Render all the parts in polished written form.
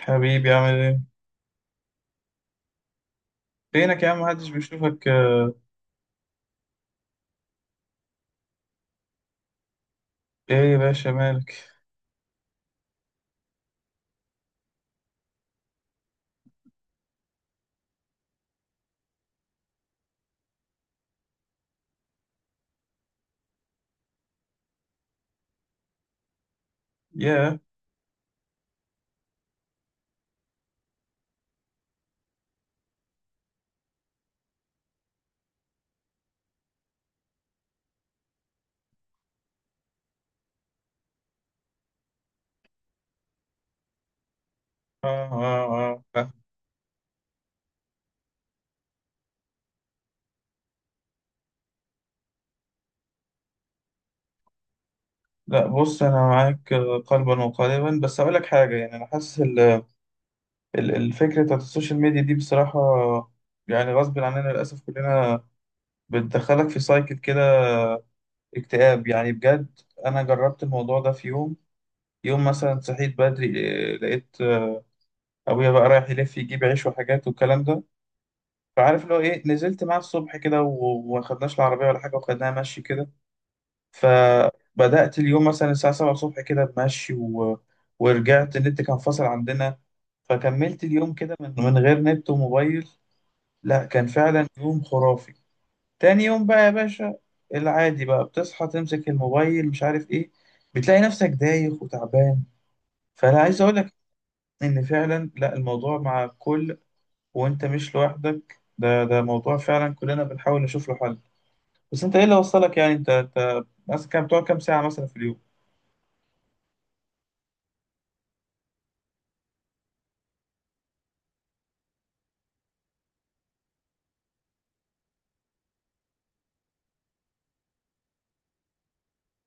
حبيبي، عامل ايه؟ فينك يا عم؟ محدش بيشوفك ايه يا باشا، مالك؟ ياه. آه، آه، آه. لا، بص، انا معاك قلبا وقالبا، بس اقول لك حاجه. يعني انا حاسس الفكره بتاعت السوشيال ميديا دي، بصراحه يعني غصب عننا للاسف كلنا، بتدخلك في سايكل كده اكتئاب يعني بجد. انا جربت الموضوع ده في يوم. يوم مثلا صحيت بدري، لقيت ابويا بقى رايح يلف يجيب عيش وحاجات والكلام ده. فعارف اللي هو ايه، نزلت معاه الصبح كده وما خدناش العربية ولا حاجة، وخدناها مشي كده. فبدأت اليوم مثلا الساعة 7 الصبح كده بمشي. ورجعت النت كان فاصل عندنا. فكملت اليوم كده من غير نت وموبايل. لا، كان فعلا يوم خرافي. تاني يوم بقى يا باشا، العادي بقى بتصحى تمسك الموبايل مش عارف ايه، بتلاقي نفسك دايخ وتعبان. فانا عايز اقول لك ان فعلا، لا، الموضوع مع الكل وانت مش لوحدك. ده موضوع فعلا كلنا بنحاول نشوف له حل. بس انت ايه اللي وصلك؟ يعني انت مثلا كام بتقعد، كام ساعة مثلا في اليوم؟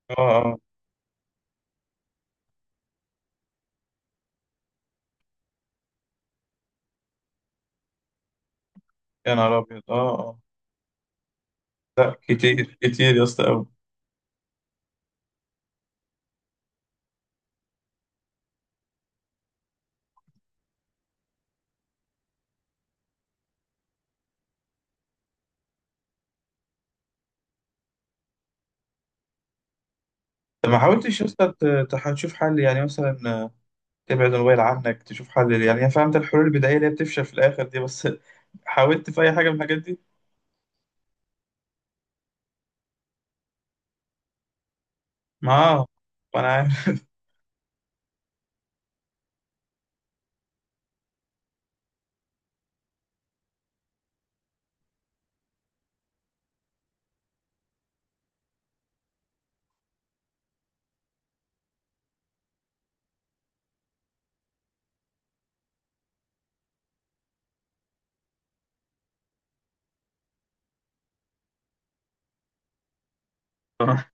اه اه. يا نهار ابيض، اه اه. لا كتير كتير يا اسطى قوي. طب ما حاولتش يا اسطى تشوف حل؟ يعني مثلا تبعد الموبايل عنك، تشوف حل. يعني انا فهمت الحلول البدائية اللي هي بتفشل في الاخر دي، بس حاولت في اي حاجة من الحاجات دي؟ ما آه، ما انا عارف. مش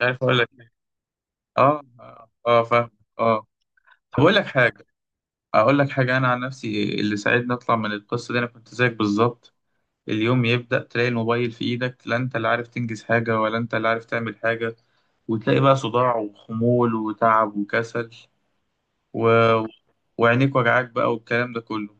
عارف اقول لك إيه. اه اه، فاهم. اه. طب اقول لك حاجة، اقول لك حاجة. انا عن نفسي اللي ساعدني اطلع من القصة دي، انا كنت زيك بالظبط. اليوم يبدأ تلاقي الموبايل في إيدك، لا أنت اللي عارف تنجز حاجة ولا أنت اللي عارف تعمل حاجة. وتلاقي بقى صداع وخمول وتعب وكسل و... وعينيك وجعاك بقى والكلام ده كله.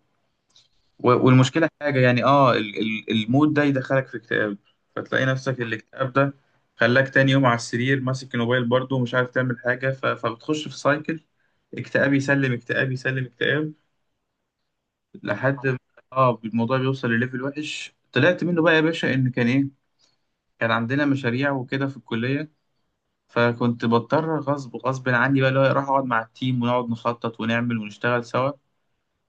والمشكلة حاجة يعني، المود ده يدخلك في اكتئاب. فتلاقي نفسك الاكتئاب ده خلاك تاني يوم على السرير ماسك الموبايل برضه ومش عارف تعمل حاجة، فبتخش في سايكل اكتئاب يسلم اكتئاب يسلم اكتئاب لحد ما اه الموضوع بيوصل لليفل وحش. طلعت منه بقى يا باشا ان كان ايه، كان عندنا مشاريع وكده في الكلية. فكنت بضطر غصب غصب عني بقى، اللي هو اروح اقعد مع التيم ونقعد نخطط ونعمل ونشتغل سوا.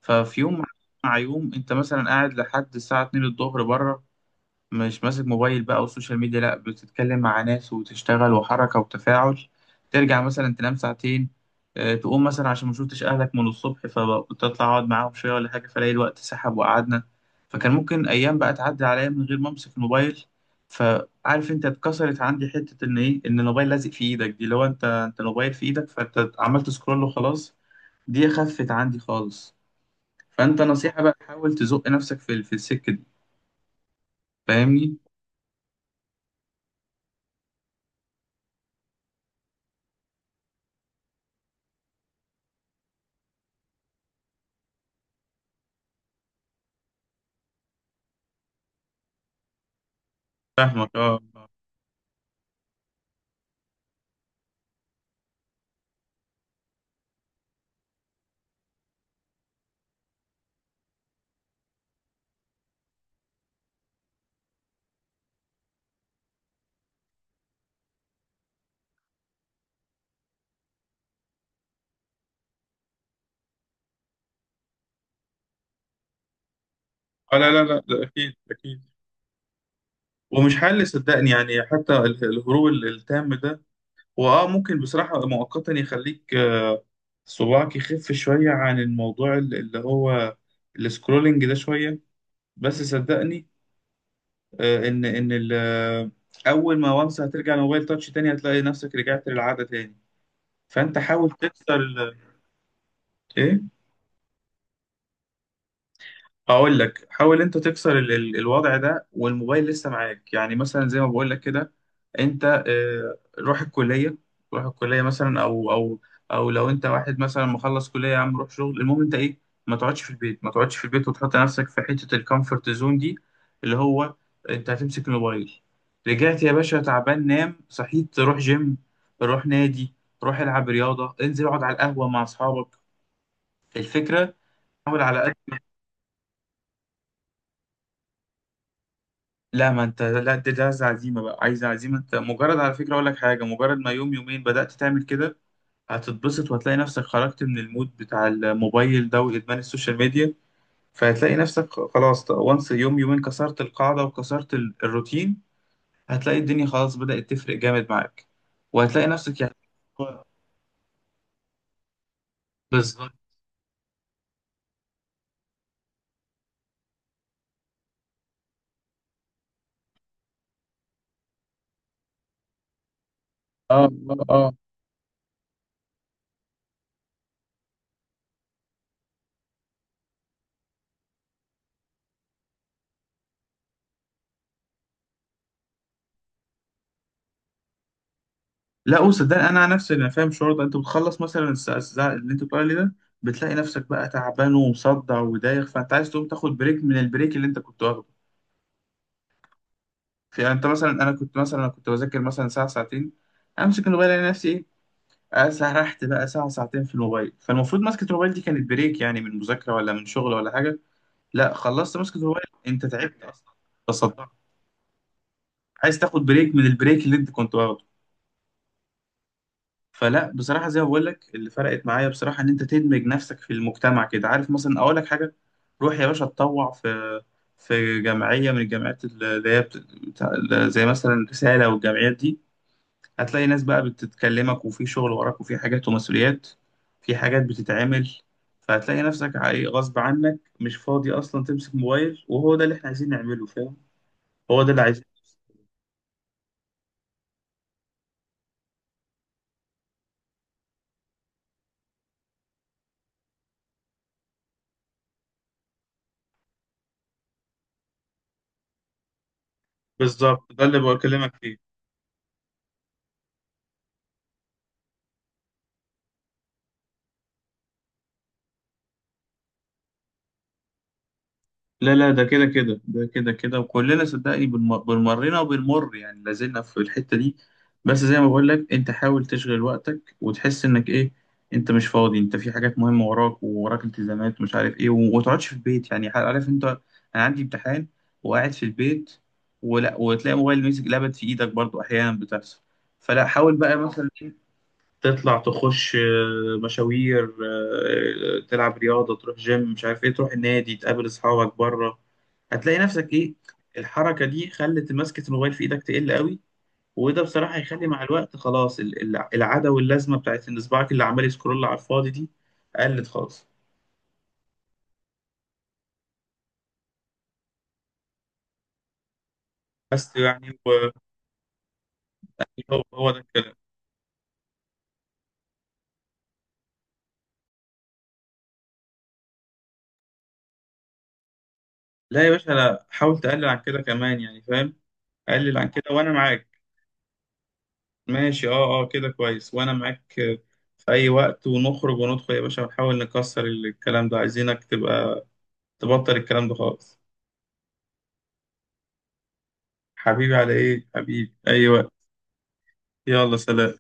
ففي يوم مع يوم، انت مثلا قاعد لحد الساعة 2 الظهر بره، مش ماسك موبايل بقى والسوشيال ميديا، لا بتتكلم مع ناس وتشتغل، وحركة وتفاعل. ترجع مثلا تنام ساعتين، تقوم مثلا عشان ما شفتش اهلك من الصبح فتطلع اقعد معاهم شوية ولا حاجة، فلاقي الوقت سحب وقعدنا. فكان ممكن ايام بقى تعدي عليا من غير ما امسك الموبايل. فعارف انت، اتكسرت عندي حتة ان ايه، ان الموبايل لازق في ايدك دي، لو انت الموبايل في ايدك فانت عملت سكرول وخلاص. دي خفت عندي خالص. فانت نصيحة بقى، حاول تزق نفسك في السكة دي. فاهمني؟ فاهمك اه. آه لا لا لا ده أكيد أكيد. ومش حل صدقني، يعني حتى الهروب التام ده هو آه ممكن بصراحة مؤقتا يخليك، صباعك يخف شوية عن الموضوع اللي هو السكرولينج ده شوية. بس صدقني إن أول ما وانس هترجع لموبايل تاتش تاني هتلاقي نفسك رجعت للعادة تاني. فأنت حاول تكسر ال... إيه؟ اقول لك، حاول انت تكسر ال ال الوضع ده والموبايل لسه معاك. يعني مثلا زي ما بقول لك كده، انت روح الكليه، روح الكليه مثلا، او لو انت واحد مثلا مخلص كليه يا عم روح شغل، المهم انت ايه، ما تقعدش في البيت، ما تقعدش في البيت وتحط نفسك في حته الكومفورت زون دي. اللي هو انت هتمسك الموبايل، رجعت يا باشا تعبان، نام، صحيت روح جيم، روح نادي، روح العب رياضه، انزل اقعد على القهوه مع اصحابك. الفكره، حاول على... لا ما انت لا، دي عايز عزيمه بقى، عايز عزيمه. انت مجرد، على فكره اقول لك حاجه، مجرد ما يوم يومين بدات تعمل كده هتتبسط وهتلاقي نفسك خرجت من المود بتاع الموبايل ده وادمان السوشيال ميديا. فهتلاقي نفسك خلاص وانس يوم يومين كسرت القاعده وكسرت الروتين، هتلاقي الدنيا خلاص بدات تفرق جامد معاك وهتلاقي نفسك يعني بالظبط. اه اه. لا قول، صدقني انا عن نفسي انا فاهم الشعور ده. انت بتخلص مثلا الساعة اللي انت بتقول عليه ده، بتلاقي نفسك بقى تعبان ومصدع ودايخ فانت عايز تقوم تاخد بريك من البريك اللي انت كنت واخده في، يعني انت مثلا، انا كنت مثلا أنا كنت بذاكر مثلا ساعه ساعتين، امسك الموبايل الاقي نفسي ايه، سرحت بقى ساعه ساعتين في الموبايل. فالمفروض مسكه الموبايل دي كانت بريك يعني من مذاكره ولا من شغل ولا حاجه. لا، خلصت مسكه الموبايل انت تعبت اصلا، تصدعت، عايز تاخد بريك من البريك اللي انت كنت واخده. فلا بصراحة زي ما بقول لك، اللي فرقت معايا بصراحة، إن أنت تدمج نفسك في المجتمع كده. عارف مثلا أقول لك حاجة، روح يا باشا اتطوع في في جمعية من الجمعيات اللي هي زي مثلا رسالة والجمعيات دي، هتلاقي ناس بقى بتتكلمك وفي شغل وراك وفي حاجات ومسؤوليات، في حاجات بتتعمل، فهتلاقي نفسك غصب عنك مش فاضي أصلا تمسك موبايل. وهو ده اللي إحنا عايزين نعمله، فاهم؟ هو ده اللي عايزين. بالظبط ده اللي بكلمك فيه. لا لا ده كده كده ده كده كده، وكلنا صدقني بنمرنا وبنمر يعني لازلنا في الحتة دي. بس زي ما بقول لك انت حاول تشغل وقتك وتحس انك ايه، انت مش فاضي، انت في حاجات مهمة وراك، ووراك التزامات ومش عارف ايه، وما تقعدش في البيت. يعني عارف انت، انا عندي امتحان وقاعد في البيت، ولا وتلاقي موبايل ماسك لابد في ايدك برضو، احيانا بتحصل. فلا حاول بقى مثلا تطلع تخش مشاوير، تلعب رياضة، تروح جيم مش عارف ايه، تروح النادي تقابل اصحابك بره. هتلاقي نفسك ايه، الحركة دي خلت ماسكة الموبايل في ايدك تقل قوي. وده بصراحة هيخلي مع الوقت خلاص العادة واللازمة بتاعت ان صباعك اللي عمال يسكرول على الفاضي دي قلت خالص. بس يعني هو ده الكلام. لا يا باشا لا، حاول تقلل عن كده كمان يعني فاهم، قلل عن كده وانا معاك. ماشي، اه اه كده كويس وانا معاك في اي وقت. ونخرج وندخل يا باشا ونحاول نكسر الكلام ده، عايزينك تبقى تبطل الكلام ده خالص. حبيبي، على ايه حبيبي، اي وقت. يلا سلام.